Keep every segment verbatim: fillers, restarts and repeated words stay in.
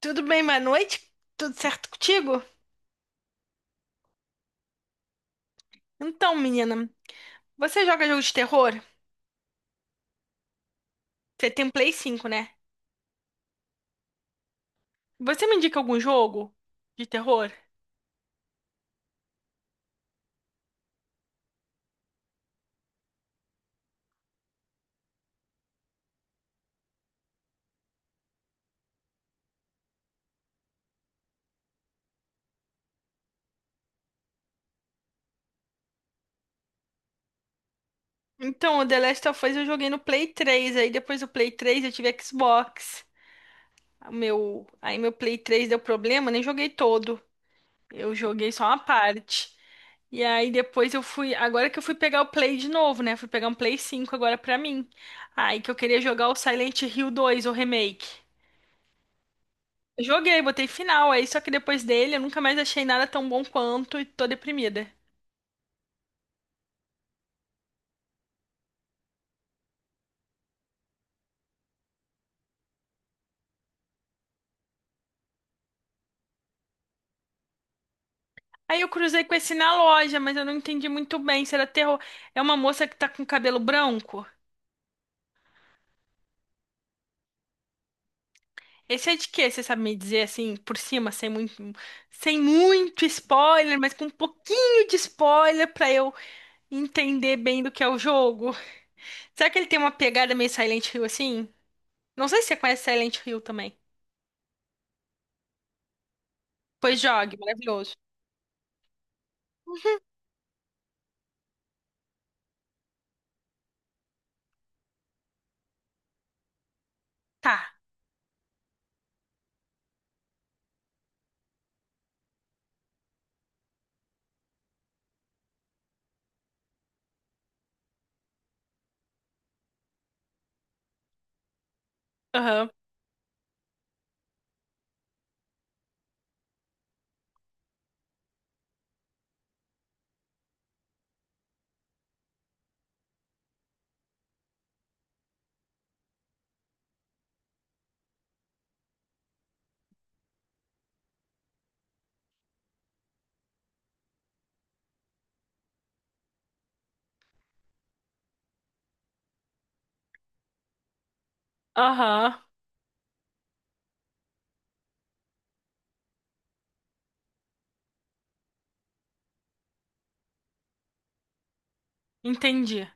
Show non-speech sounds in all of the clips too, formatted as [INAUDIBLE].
Tudo bem, boa noite? Tudo certo contigo? Então, menina, você joga jogo de terror? Você tem Play cinco, né? Você me indica algum jogo de terror? Então, o The Last of Us eu joguei no Play três, aí depois do Play três eu tive Xbox. O meu, aí meu Play três deu problema, nem joguei todo. Eu joguei só uma parte. E aí depois eu fui, agora que eu fui pegar o Play de novo, né? Fui pegar um Play cinco agora pra mim. Aí que eu queria jogar o Silent Hill dois, o remake. Joguei, botei final, aí só que depois dele eu nunca mais achei nada tão bom quanto, e tô deprimida. Aí eu cruzei com esse na loja, mas eu não entendi muito bem se era terror. É uma moça que tá com cabelo branco? Esse é de quê? Você sabe me dizer assim, por cima, sem muito, sem muito spoiler, mas com um pouquinho de spoiler pra eu entender bem do que é o jogo. Será que ele tem uma pegada meio Silent Hill assim? Não sei se você conhece Silent Hill também. Pois jogue, maravilhoso. Tá. Aham. Aham. Entendi.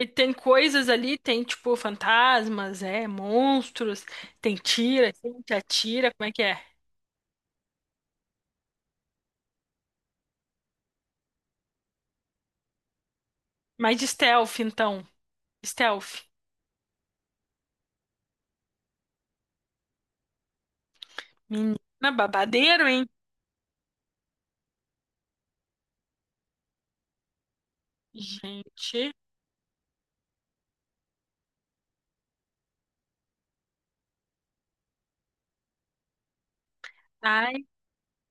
E tem coisas ali, tem tipo fantasmas, é, monstros, tem tira, tem te atira, como é que é? Mais de stealth, então. Stealth. Menina, babadeiro, hein? Gente.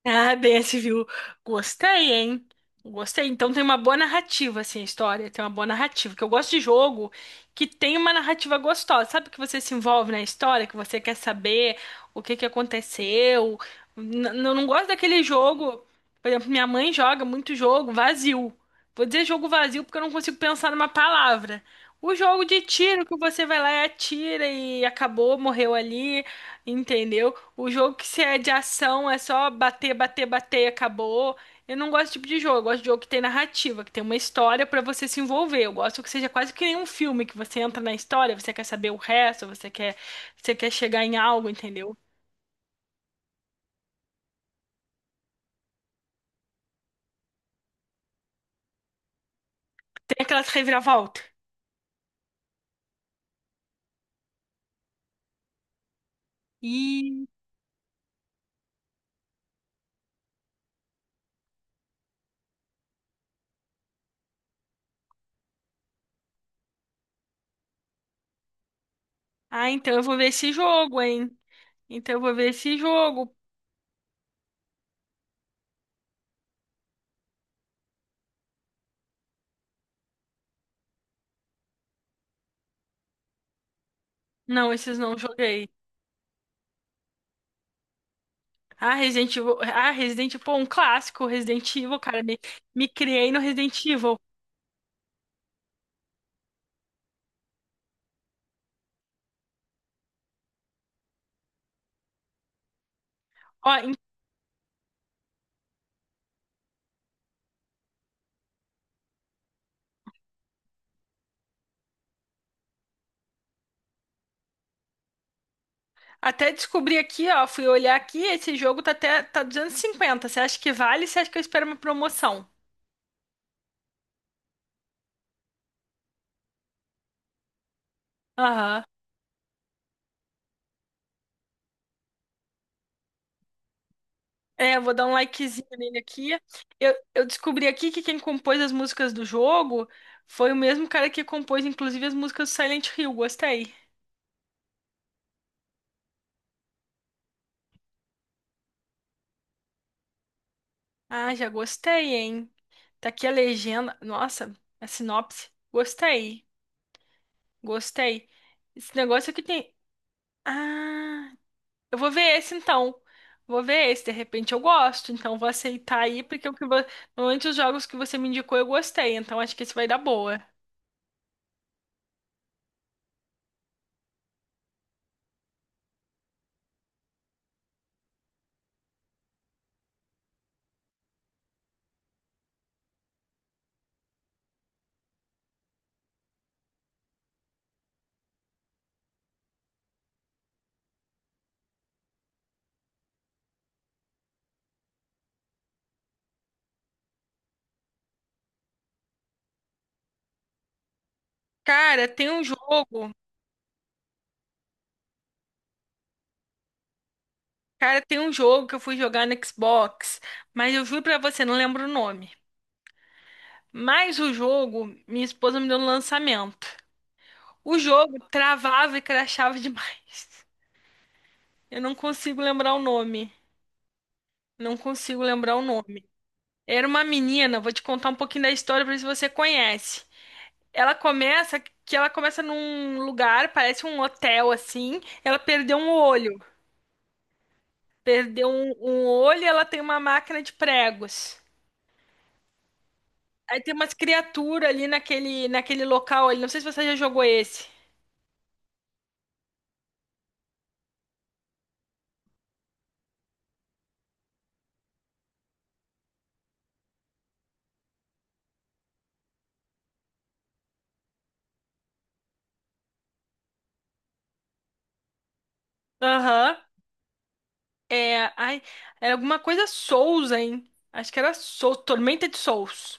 Ah, desse, viu? Gostei, hein? Gostei. Então tem uma boa narrativa, assim, a história. Tem uma boa narrativa. Que eu gosto de jogo que tem uma narrativa gostosa. Sabe que você se envolve na história, que você quer saber o que que aconteceu. N- n- Eu não gosto daquele jogo. Por exemplo, minha mãe joga muito jogo vazio. Vou dizer jogo vazio porque eu não consigo pensar numa palavra. O jogo de tiro que você vai lá e atira e acabou, morreu ali, entendeu? O jogo que se é de ação é só bater, bater, bater e acabou. Eu não gosto desse tipo de jogo. Eu gosto de jogo que tem narrativa, que tem uma história pra você se envolver. Eu gosto que seja quase que nem um filme, que você entra na história, você quer saber o resto, você quer, você quer chegar em algo, entendeu? Tem aquela reviravolta. E ah, então eu vou ver esse jogo, hein? Então eu vou ver esse jogo. Não, esses não joguei. Ah, Resident Evil. Ah, Resident Evil, pô, um clássico, Resident Evil, cara. Me, me criei no Resident Evil. Ó, até descobri aqui, ó, fui olhar aqui, esse jogo tá até tá duzentos e cinquenta. Você acha que vale? Você acha que eu espero uma promoção? Aham. É, eu vou dar um likezinho nele aqui. Eu, eu descobri aqui que quem compôs as músicas do jogo foi o mesmo cara que compôs, inclusive, as músicas do Silent Hill. Gostei. Ah, já gostei, hein? Tá aqui a legenda. Nossa, a sinopse. Gostei. Gostei. Esse negócio aqui tem. Ah. Eu vou ver esse, então. Vou ver esse, de repente eu gosto, então vou aceitar aí, porque o que vo... normalmente os jogos que você me indicou eu gostei, então acho que esse vai dar boa. Cara, tem um jogo, cara, tem um jogo que eu fui jogar no Xbox, mas eu juro pra você, não lembro o nome. Mas o jogo, minha esposa me deu no lançamento. O jogo travava e crashava [LAUGHS] demais. Eu não consigo lembrar o nome. Não consigo lembrar o nome. Era uma menina, vou te contar um pouquinho da história pra ver se você conhece. Ela começa que ela começa num lugar, parece um hotel assim. Ela perdeu um olho. Perdeu um, um olho, e ela tem uma máquina de pregos. Aí tem umas criaturas ali naquele naquele local ali. Não sei se você já jogou esse. Aham. É, ai, era alguma coisa Souls, hein? Acho que era Souls, Tormenta de Souls.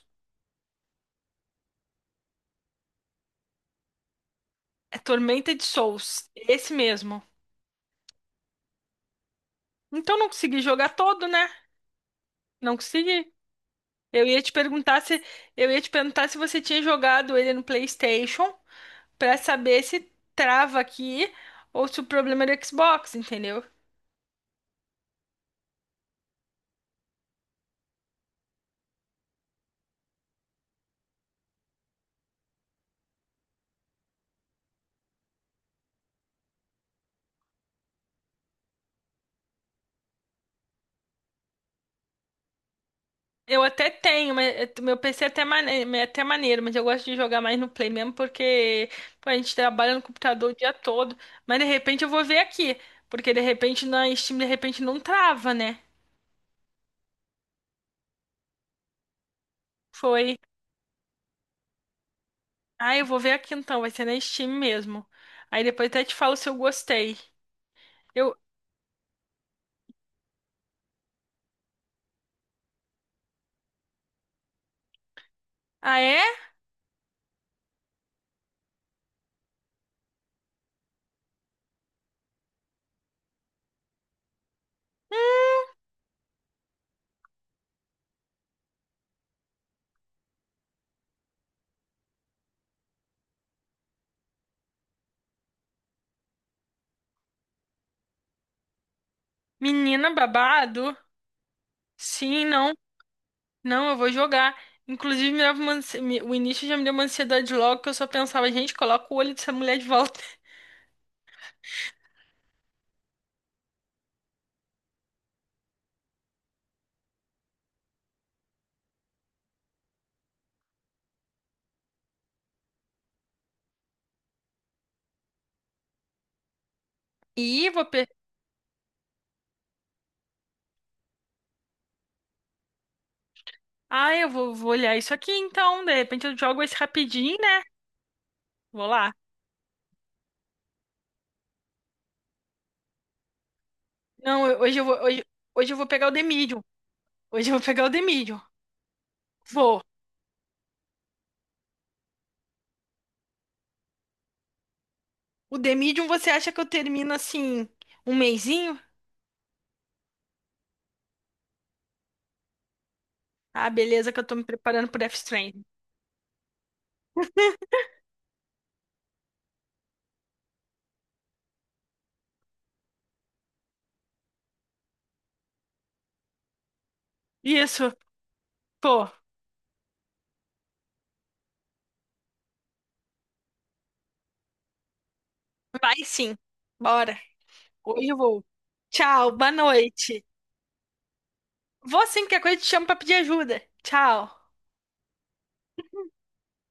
É Tormenta de Souls, esse mesmo. Então não consegui jogar todo, né? Não consegui. Eu ia te perguntar se eu ia te perguntar se você tinha jogado ele no PlayStation pra saber se trava aqui ou se o problema é do Xbox, entendeu? Eu até tenho, mas eh, meu P C é até mane- é até maneiro, mas eu gosto de jogar mais no Play mesmo porque pô, a gente trabalha no computador o dia todo. Mas de repente eu vou ver aqui, porque de repente na Steam de repente não trava, né? Foi. Ah, eu vou ver aqui então, vai ser na Steam mesmo. Aí depois até te falo se eu gostei. Eu, ah, é? Menina babado? Sim, não. Não, eu vou jogar. Inclusive, me dava uma ansi- me- o início já me deu uma ansiedade logo que eu só pensava, gente, coloca o olho dessa mulher de volta. [LAUGHS] E vou. pe- Ah, eu vou, vou olhar isso aqui, então. De repente eu jogo esse rapidinho, né? Vou lá. Não, eu- hoje eu vou, hoje, hoje eu vou pegar o The Medium. Hoje eu vou pegar o The Medium. Vou. O The Medium, você acha que eu termino assim, um mesinho? Ah, beleza, que eu tô me preparando pro Death Stranding. Isso. Pô, vai sim. Bora. Hoje eu vou. Tchau, boa noite. Vou sim, qualquer coisa eu te chamo pra pedir ajuda. Tchau.